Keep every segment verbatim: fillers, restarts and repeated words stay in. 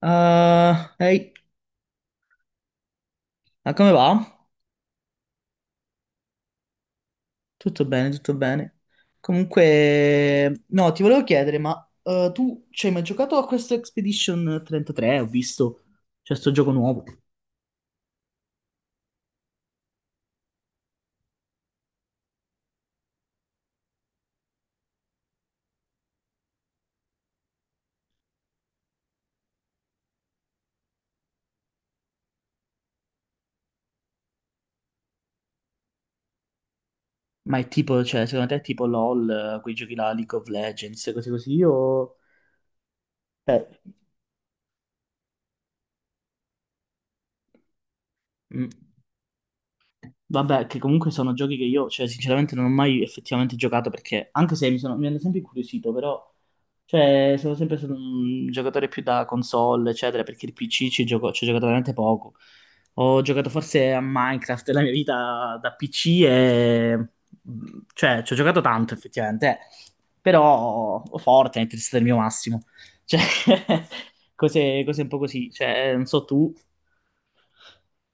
Ah, ehi, ah, come va? Tutto bene, tutto bene. Comunque, no, ti volevo chiedere, ma eh, tu ci hai mai giocato a questo Expedition trentatré? Ho visto, c'è sto gioco nuovo. Ma è tipo, cioè, secondo te è tipo LOL, eh, quei giochi là, League of Legends, cose così, o... Eh. Mm. Vabbè, che comunque sono giochi che io, cioè, sinceramente non ho mai effettivamente giocato perché, anche se mi sono- mi hanno sempre incuriosito, però, cioè, sono sempre stato un giocatore più da console, eccetera, perché il P C ci gioco, ci ho giocato veramente poco. Ho giocato forse a Minecraft nella mia vita da P C e... cioè, ci ho giocato tanto effettivamente, eh. Però Fortnite è stato il mio massimo. Cioè, cose, cose un po' così, cioè, non so tu,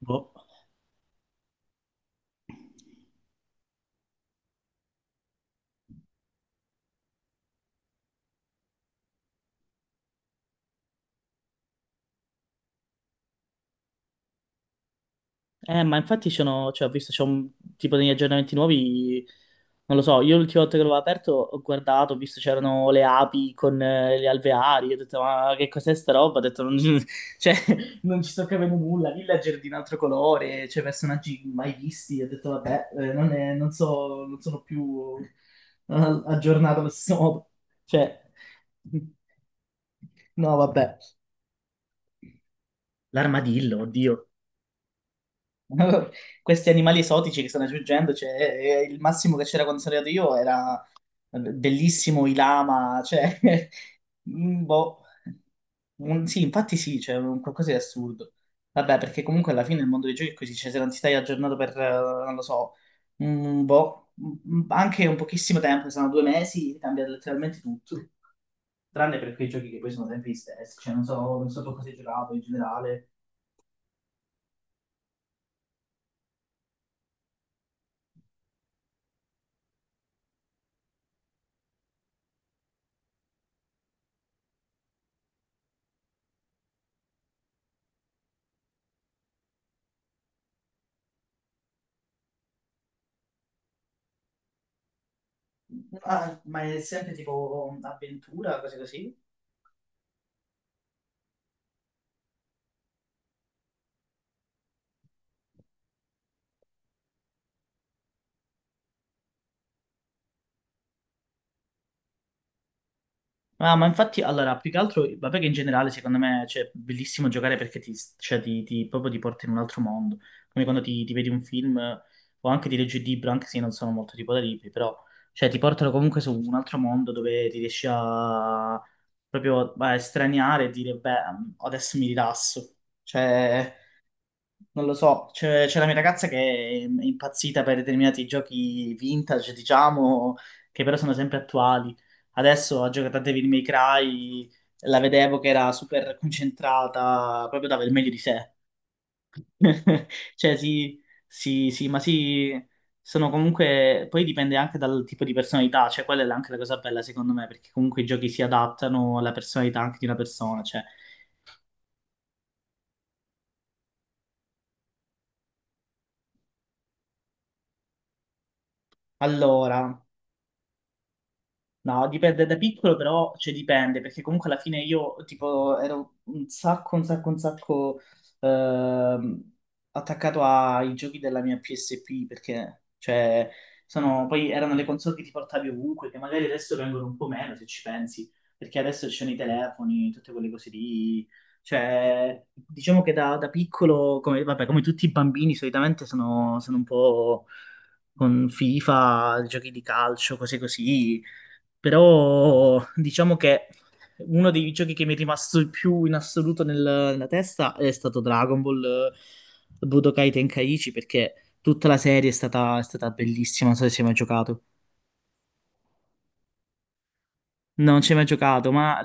boh. Eh, ma infatti sono, cioè, ho visto c'è un tipo degli aggiornamenti nuovi, non lo so, io l'ultima volta che l'avevo aperto ho guardato, ho visto c'erano le api con eh, gli alveari, ho detto ma che cos'è sta roba? Ho detto non, cioè, non ci sto capendo nulla, villager di un altro colore, cioè personaggi mai visti, ho detto vabbè, eh, non, è- non so, non sono più eh, aggiornato allo stesso modo, cioè, no vabbè, l'armadillo, oddio. Questi animali esotici che stanno aggiungendo, cioè, eh, il massimo che c'era quando sono arrivato io era eh, bellissimo i lama, cioè, mm, boh. Un- sì, infatti sì, c'è un qualcosa di assurdo. Vabbè, perché comunque alla fine il mondo dei giochi è così, cioè se non ti stai aggiornato per, eh, non lo so, un boh, un- anche un pochissimo tempo, sono due mesi, cambia letteralmente tutto. Tranne per quei giochi che poi sono sempre gli stessi, cioè non so, non so tu cosa hai giocato in generale. Ah, ma è sempre tipo avventura, cose così? Ah, ma infatti, allora, più che altro, vabbè che in generale secondo me cioè, è bellissimo giocare perché ti, cioè, ti- ti- proprio ti porta in un altro mondo, come quando ti, ti vedi un film eh, o anche ti leggi un libro, anche se io non sono molto tipo da libri, però cioè, ti portano comunque su un altro mondo dove ti riesci a proprio a estraniare e dire, beh, adesso mi rilasso. Cioè, non lo so, c'è c'è la mia ragazza che è impazzita per determinati giochi vintage, diciamo, che però sono sempre attuali. Adesso ha giocato a Devil May Cry, la vedevo che era super concentrata, proprio dava il meglio di sé. Cioè, sì, sì, sì, ma sì, sono comunque... Poi dipende anche dal tipo di personalità, cioè quella è anche la cosa bella secondo me, perché comunque i giochi si adattano alla personalità anche di una persona, cioè... Allora... No, dipende da piccolo, però cioè, dipende, perché comunque alla fine io tipo ero un sacco, un sacco, un sacco ehm, attaccato ai giochi della mia P S P, perché cioè, sono, poi erano le console che ti portavi ovunque, che magari adesso vengono un po' meno se ci pensi, perché adesso ci sono i telefoni, tutte quelle cose lì. Cioè, diciamo che da, da piccolo, come, vabbè, come tutti i bambini, solitamente sono sono un po' con FIFA, giochi di calcio, cose così. Però diciamo che uno dei giochi che mi è rimasto più in assoluto nel- nella testa è stato Dragon Ball eh, Budokai Tenkaichi perché tutta la serie è stata, è stata bellissima, non so se ci hai mai giocato. Non ci hai mai giocato, ma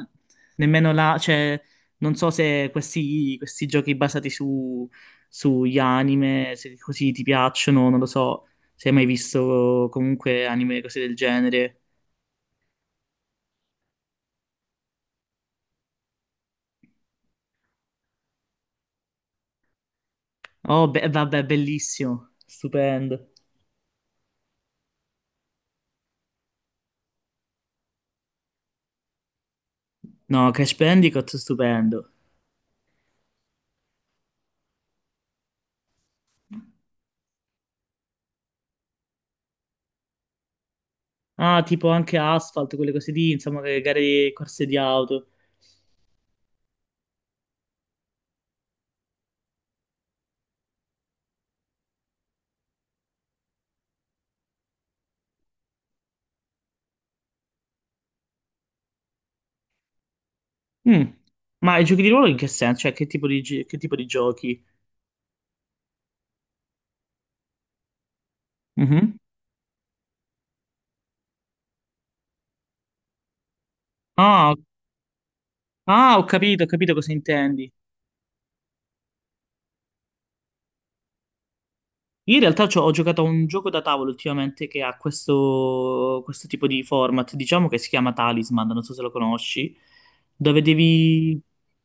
nemmeno là, cioè, non so se questi, questi giochi basati su, sugli anime, se così ti piacciono, non lo so, se hai mai visto comunque anime, cose del genere. Oh, be- vabbè, bellissimo, stupendo. No, Crash Bandicoot è stupendo. Ah, tipo anche Asphalt, quelle cose lì, insomma, le gare, corse di auto. Mm. Ma i giochi di ruolo in che senso? Cioè, che tipo di, gi- che tipo di giochi? Mhm. Ah, ah, ho capito, ho capito cosa intendi. Io in realtà c'ho- ho giocato a un gioco da tavolo ultimamente che ha questo, questo tipo di format, diciamo che si chiama Talisman, non so se lo conosci, dove devi...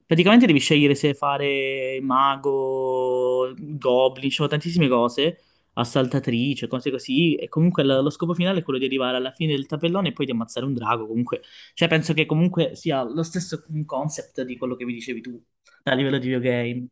praticamente devi scegliere se fare mago, goblin, ci sono tantissime cose, assaltatrice, cose così, e comunque lo, lo scopo finale è quello di arrivare alla fine del tabellone e poi di ammazzare un drago, comunque, cioè penso che comunque sia lo stesso concept di quello che mi dicevi tu a livello di videogame.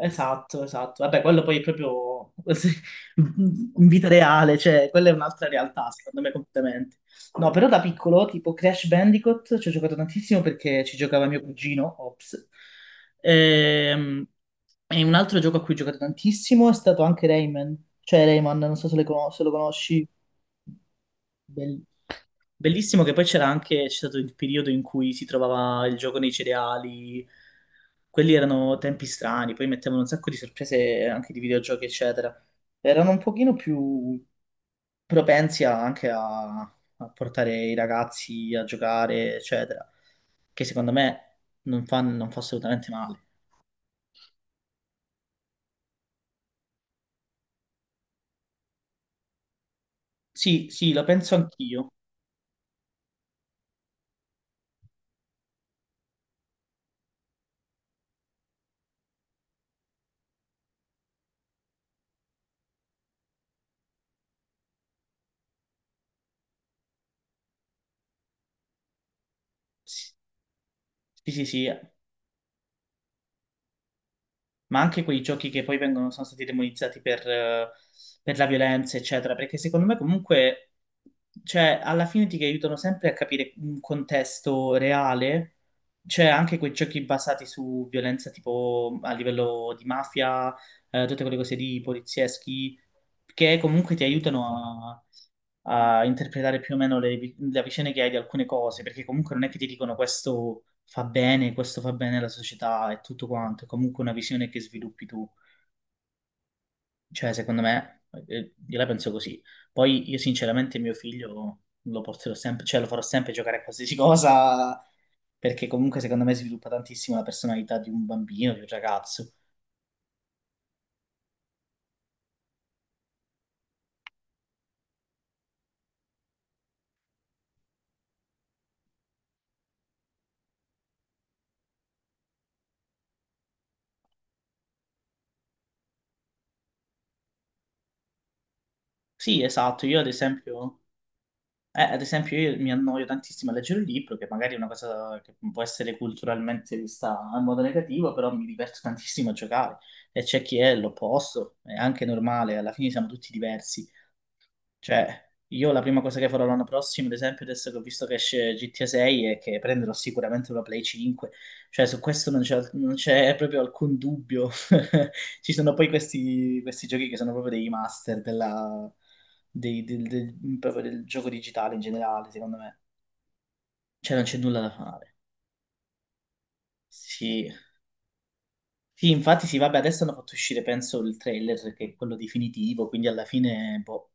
Esatto, esatto. Vabbè, quello poi è proprio in vita reale, cioè quella è un'altra realtà, secondo me, completamente. No, però da piccolo, tipo Crash Bandicoot, ci ho giocato tantissimo perché ci giocava mio cugino, ops. Ehm, E un altro gioco a cui ho giocato tantissimo è stato anche Rayman, cioè Rayman, non so se, le conos- se lo conosci. Bellissimo. Bellissimo che poi c'era anche, c'è stato il periodo in cui si trovava il gioco nei cereali, quelli erano tempi strani, poi mettevano un sacco di sorprese anche di videogiochi, eccetera. Erano un pochino più propensi a- anche a, a portare i ragazzi a giocare, eccetera, che secondo me non fa, non fa assolutamente male. Sì, sì, la penso anch'io. Sì, sì, sì. Ma anche quei giochi che poi vengono, sono stati demonizzati per, eh, per la violenza, eccetera, perché secondo me comunque, cioè, alla fine ti aiutano sempre a capire un contesto reale, c'è anche quei giochi basati su violenza tipo a livello di mafia, eh, tutte quelle cose di polizieschi, che comunque ti aiutano a, a interpretare più o meno le, vi- le vicende che hai di alcune cose, perché comunque non è che ti dicono questo fa bene, questo fa bene alla società e tutto quanto, è comunque una visione che sviluppi tu. Cioè, secondo me, eh, io la penso così. Poi io sinceramente mio figlio lo porterò sempre, cioè lo farò sempre giocare a qualsiasi cosa, perché comunque secondo me sviluppa tantissimo la personalità di un bambino, di un ragazzo. Sì, esatto, io ad esempio... Eh, ad esempio, io mi annoio tantissimo a leggere un libro, che magari è una cosa che può essere culturalmente vista in modo negativo, però mi diverto tantissimo a giocare. E c'è chi è l'opposto, è anche normale, alla fine siamo tutti diversi. Cioè, io la prima cosa che farò l'anno prossimo, ad esempio, adesso che ho visto che esce G T A sei, è che prenderò sicuramente una Play cinque. Cioè, su questo non c'è, non c'è proprio alcun dubbio. Ci sono poi questi, questi giochi che sono proprio dei master della- dei- del, del- proprio del gioco digitale in generale, secondo me. Cioè, non c'è nulla da fare. Sì. Sì, infatti, sì, vabbè, adesso hanno fatto uscire, penso, il trailer, che è quello definitivo, quindi alla fine, boh.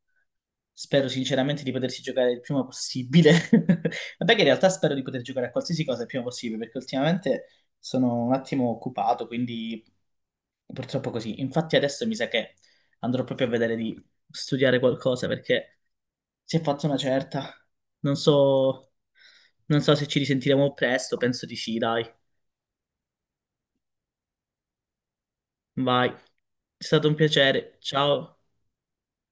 Spero sinceramente di potersi giocare il prima possibile. Vabbè che in realtà spero di poter giocare a qualsiasi cosa il prima possibile, perché ultimamente sono un attimo occupato, quindi purtroppo così. Infatti adesso mi sa che andrò proprio a vedere di studiare qualcosa, perché si è fatta una certa. Non so, non so se ci risentiremo presto, penso di sì, dai. Vai. È stato un piacere. Ciao.